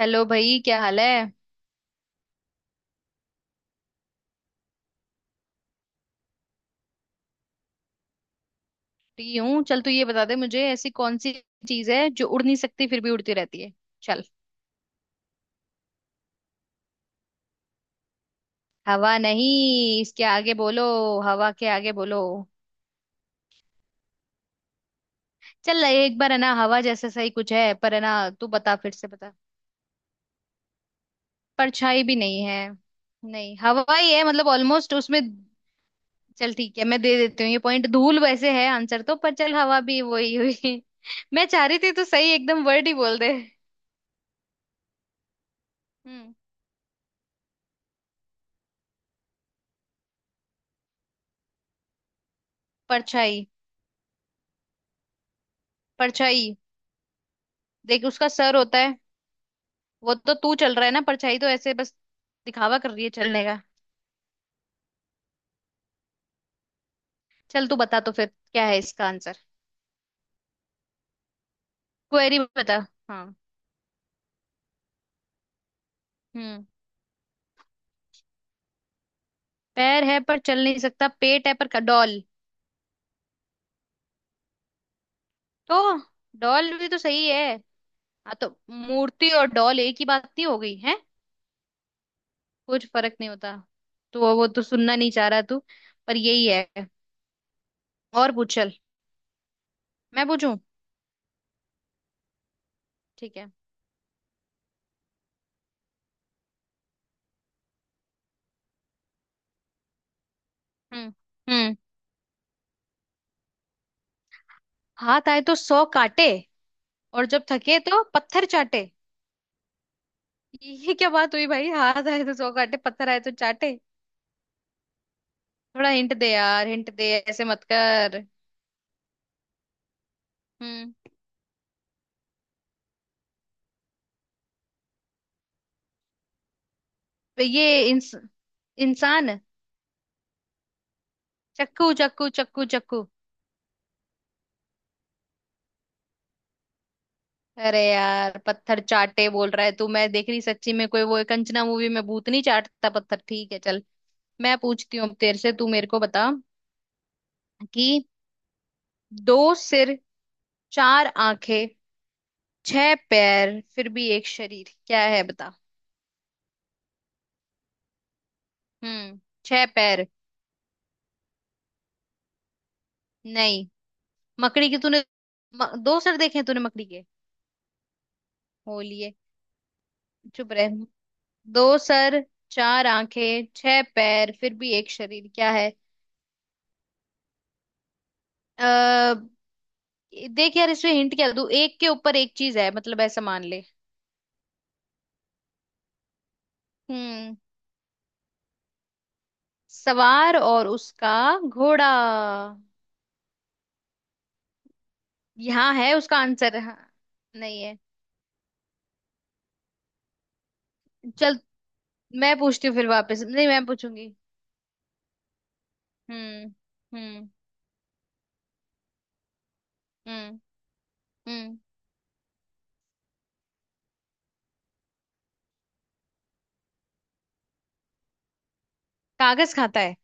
Hello भाई, क्या हाल है। फ्री हूँ। चल तू ये बता दे मुझे, ऐसी कौन सी चीज है जो उड़ नहीं सकती फिर भी उड़ती रहती है। चल। हवा नहीं, इसके आगे बोलो। हवा के आगे बोलो। चल, एक बार है ना, हवा जैसा सही कुछ है, पर है ना। तू बता, फिर से बता। परछाई भी नहीं है। नहीं, हवा ही है मतलब, ऑलमोस्ट उसमें। चल ठीक है, मैं दे देती हूँ ये पॉइंट। धूल वैसे है आंसर तो, पर चल हवा भी वही हुई। मैं चाह रही थी तो सही, एकदम वर्ड ही बोल दे। हम्म। परछाई, परछाई। देख, उसका सर होता है। वो तो तू चल रहा है ना, परछाई तो ऐसे बस। दिखावा कर रही है चलने का। चल तू बता तो, फिर क्या है इसका आंसर। क्वेरी बता। हाँ। हम्म। पैर है पर चल नहीं सकता, पेट है पर डॉल। तो। डॉल भी तो सही है। हाँ तो मूर्ति और डॉल एक ही बात नहीं हो गई है। कुछ फर्क नहीं होता। तो वो तो सुनना नहीं चाह रहा तू, पर यही है। और पूछ, चल। मैं पूछूं। ठीक है। हम्म। हम्म। हाथ आए तो सौ काटे, और जब थके तो पत्थर चाटे। ये क्या बात हुई भाई, हाथ आए तो सौ काटे, पत्थर आए तो चाटे। थोड़ा हिंट दे यार, हिंट दे, ऐसे मत कर। हम्म। तो ये इंसान। चक्कू, चक्कू, चक्कू, चक्कू। अरे यार, पत्थर चाटे बोल रहा है तू। मैं देख रही सच्ची में, कोई वो कंचना मूवी में भूत नहीं चाटता पत्थर। ठीक है चल। मैं पूछती हूँ अब तेरे से, तू मेरे को बता कि दो सिर, चार आंखें, छह पैर, फिर भी एक शरीर, क्या है बता। हम्म। छह पैर। नहीं। मकड़ी की तूने दो सर देखे हैं तूने मकड़ी के। हो लिए। चुप रहे। दो सर चार आंखें, छह पैर, फिर भी एक शरीर, क्या है। अः देख यार, इसमें हिंट क्या दूं, एक के ऊपर एक चीज है, मतलब ऐसा मान ले। हम्म। सवार और उसका घोड़ा। यहाँ है उसका आंसर। हाँ। नहीं है, चल। मैं पूछती हूँ फिर वापस। नहीं, मैं पूछूंगी। हम्म। हम्म। हम्म। हम्म। कागज खाता है।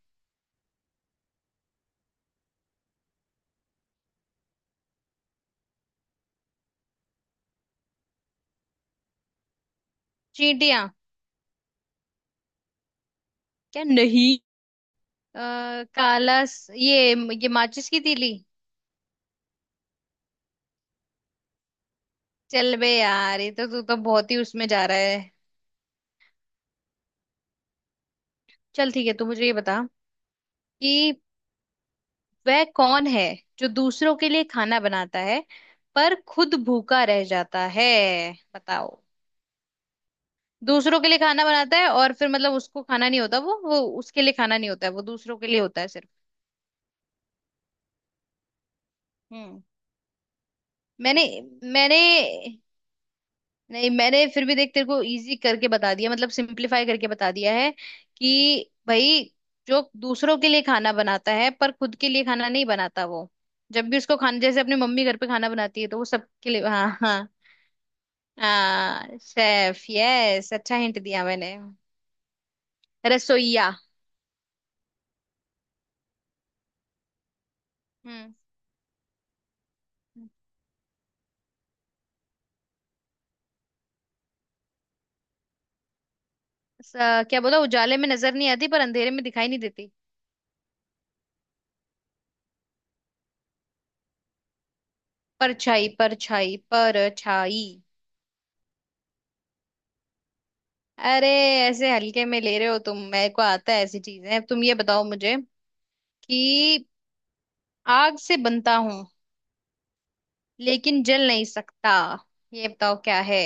चींटियां। क्या नहीं। अ, काला ये माचिस की तीली। चल बे यार, ये तो तू तो बहुत ही उसमें जा रहा है। चल ठीक है, तू मुझे ये बता कि वह कौन है जो दूसरों के लिए खाना बनाता है पर खुद भूखा रह जाता है। बताओ। दूसरों के लिए खाना बनाता है और फिर मतलब उसको खाना नहीं होता, वो उसके लिए खाना नहीं होता है, वो दूसरों के लिए होता है सिर्फ। हम्म। मैंने मैंने नहीं, मैंने फिर भी देख तेरे को इजी करके बता दिया, मतलब सिंपलीफाई करके बता दिया है कि भाई, जो दूसरों के लिए खाना बनाता है पर खुद के लिए खाना नहीं बनाता, वो जब भी उसको खाना, जैसे अपनी मम्मी घर पे खाना बनाती है तो वो सबके लिए। हाँ, हाँ। हाँ, शेफ, यस। अच्छा हिंट दिया मैंने। रसोइया। हम्म। क्या बोला, उजाले में नजर नहीं आती पर अंधेरे में दिखाई नहीं देती। परछाई, परछाई, परछाई। अरे, ऐसे हल्के में ले रहे हो तुम, मेरे को आता है ऐसी चीजें। अब तुम ये बताओ मुझे कि आग से बनता हूँ लेकिन जल नहीं सकता, ये बताओ क्या है।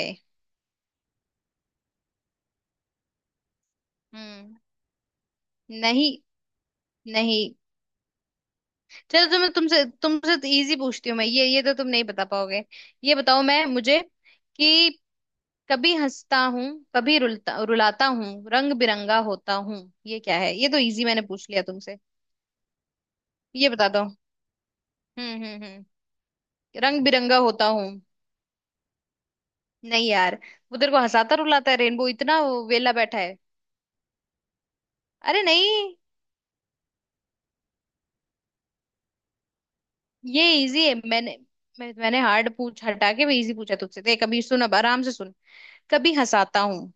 हम्म। नहीं। नहीं। चलो तो मैं तुमसे तुमसे तो इजी पूछती हूँ मैं, ये तो तुम नहीं बता पाओगे। ये बताओ मैं, मुझे कि कभी हंसता हूँ, कभी रुलता रुलाता हूँ, रंग बिरंगा होता हूँ। ये क्या है। ये तो इजी मैंने पूछ लिया तुमसे। ये बता दो। हम्म। हम्म। हम्म। रंग बिरंगा होता हूँ। नहीं यार, वो तेरे को हंसाता रुलाता है रेनबो, इतना वो वेला बैठा है। अरे नहीं। ये इजी है मैंने। मैंने हार्ड पूछ हटा के भी इजी पूछा तुझसे, देख कभी। सुन, अब आराम से सुन। कभी हंसाता हूँ,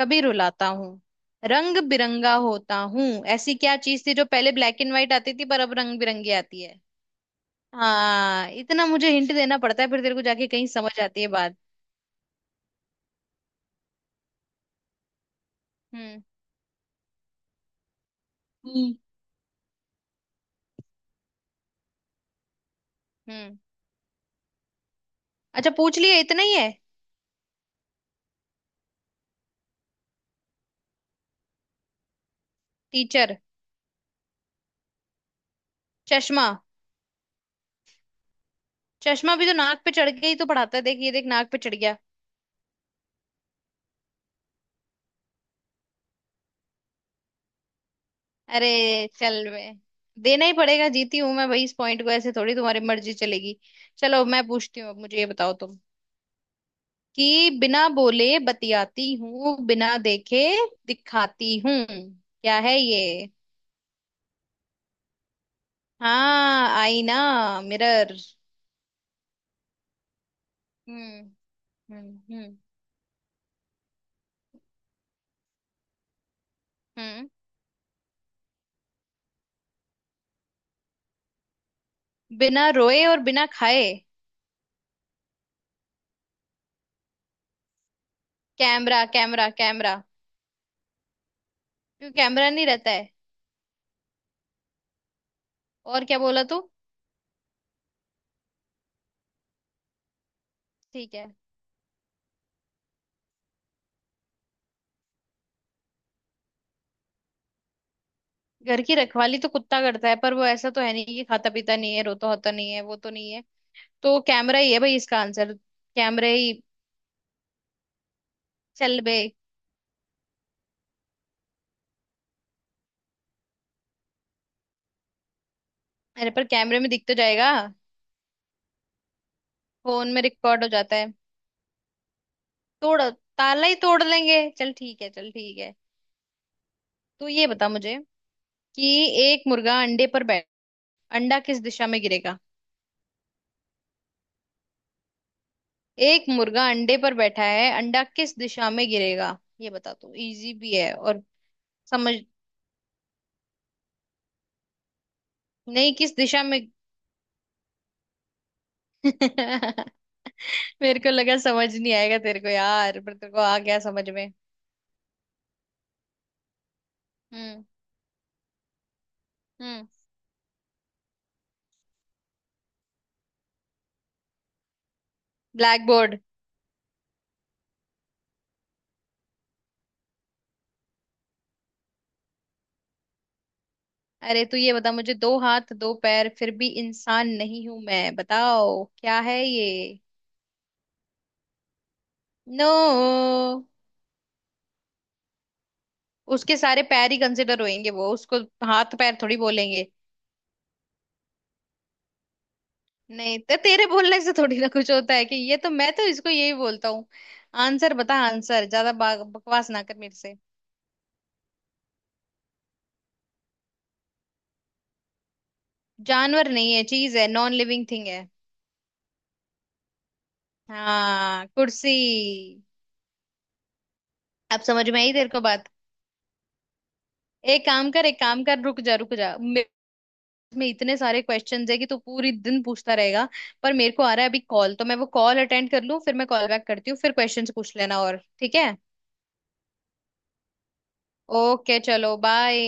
कभी रुलाता हूँ, रंग बिरंगा होता हूँ। ऐसी क्या चीज थी जो पहले ब्लैक एंड व्हाइट आती थी पर अब रंग बिरंगी आती है। हाँ, इतना मुझे हिंट देना पड़ता है, फिर तेरे को जाके कहीं समझ आती है बात। हम्म। हम्म। हम्म। अच्छा, पूछ लिए इतना ही है। टीचर। चश्मा। चश्मा भी तो नाक पे चढ़ के ही तो पढ़ाता है, देख, ये देख, नाक पे चढ़ गया। अरे चल बे। देना ही पड़ेगा, जीती हूं मैं भाई इस पॉइंट को, ऐसे थोड़ी तुम्हारी मर्जी चलेगी। चलो, मैं पूछती हूँ अब, मुझे ये बताओ तुम कि बिना बोले बतियाती हूँ, बिना देखे दिखाती हूँ, क्या है ये। हाँ, आईना, मिरर। हम्म। हम्म। हम्म। हम्म। बिना रोए और बिना खाए। Camera, camera, camera. क्यों, कैमरा नहीं रहता है। और क्या बोला तू। ठीक है। घर की रखवाली तो कुत्ता करता है, पर वो ऐसा तो है नहीं कि खाता पीता नहीं है, रोता होता नहीं है, वो तो नहीं है। तो कैमरा ही है भाई इसका आंसर। कैमरे ही। चल बे। अरे पर कैमरे में दिख तो जाएगा। फोन में रिकॉर्ड हो जाता है। तोड़। ताला ही तोड़ लेंगे। चल ठीक है, चल ठीक है। तो ये बता मुझे कि एक मुर्गा अंडे पर बैठ अंडा किस दिशा में गिरेगा। एक मुर्गा अंडे पर बैठा है, अंडा किस दिशा में गिरेगा, ये बता तू। इजी भी है, और समझ। नहीं, किस दिशा में। मेरे को लगा समझ नहीं आएगा तेरे को यार, पर तेरे को आ गया समझ में। हम्म। हम्म। Blackboard. अरे तू ये बता मुझे, दो हाथ दो पैर फिर भी इंसान नहीं हूं मैं, बताओ क्या है ये। नो। उसके सारे पैर ही कंसिडर होएंगे, वो उसको हाथ पैर थोड़ी बोलेंगे। नहीं तो, तेरे बोलने से थोड़ी ना कुछ होता है कि ये, तो मैं तो इसको यही बोलता हूँ। आंसर बता आंसर, ज्यादा बकवास ना कर मेरे से। जानवर नहीं है, चीज है, नॉन लिविंग थिंग। हाँ, कुर्सी। अब समझ में आई तेरे को बात। एक काम कर, एक काम कर, रुक जा, रुक जा, में इतने सारे क्वेश्चंस है कि तू पूरी दिन पूछता रहेगा। पर मेरे को आ रहा है अभी कॉल, तो मैं वो कॉल अटेंड कर लूँ फिर मैं कॉल बैक करती हूँ, फिर क्वेश्चंस पूछ लेना और, ठीक है। ओके चलो, बाय।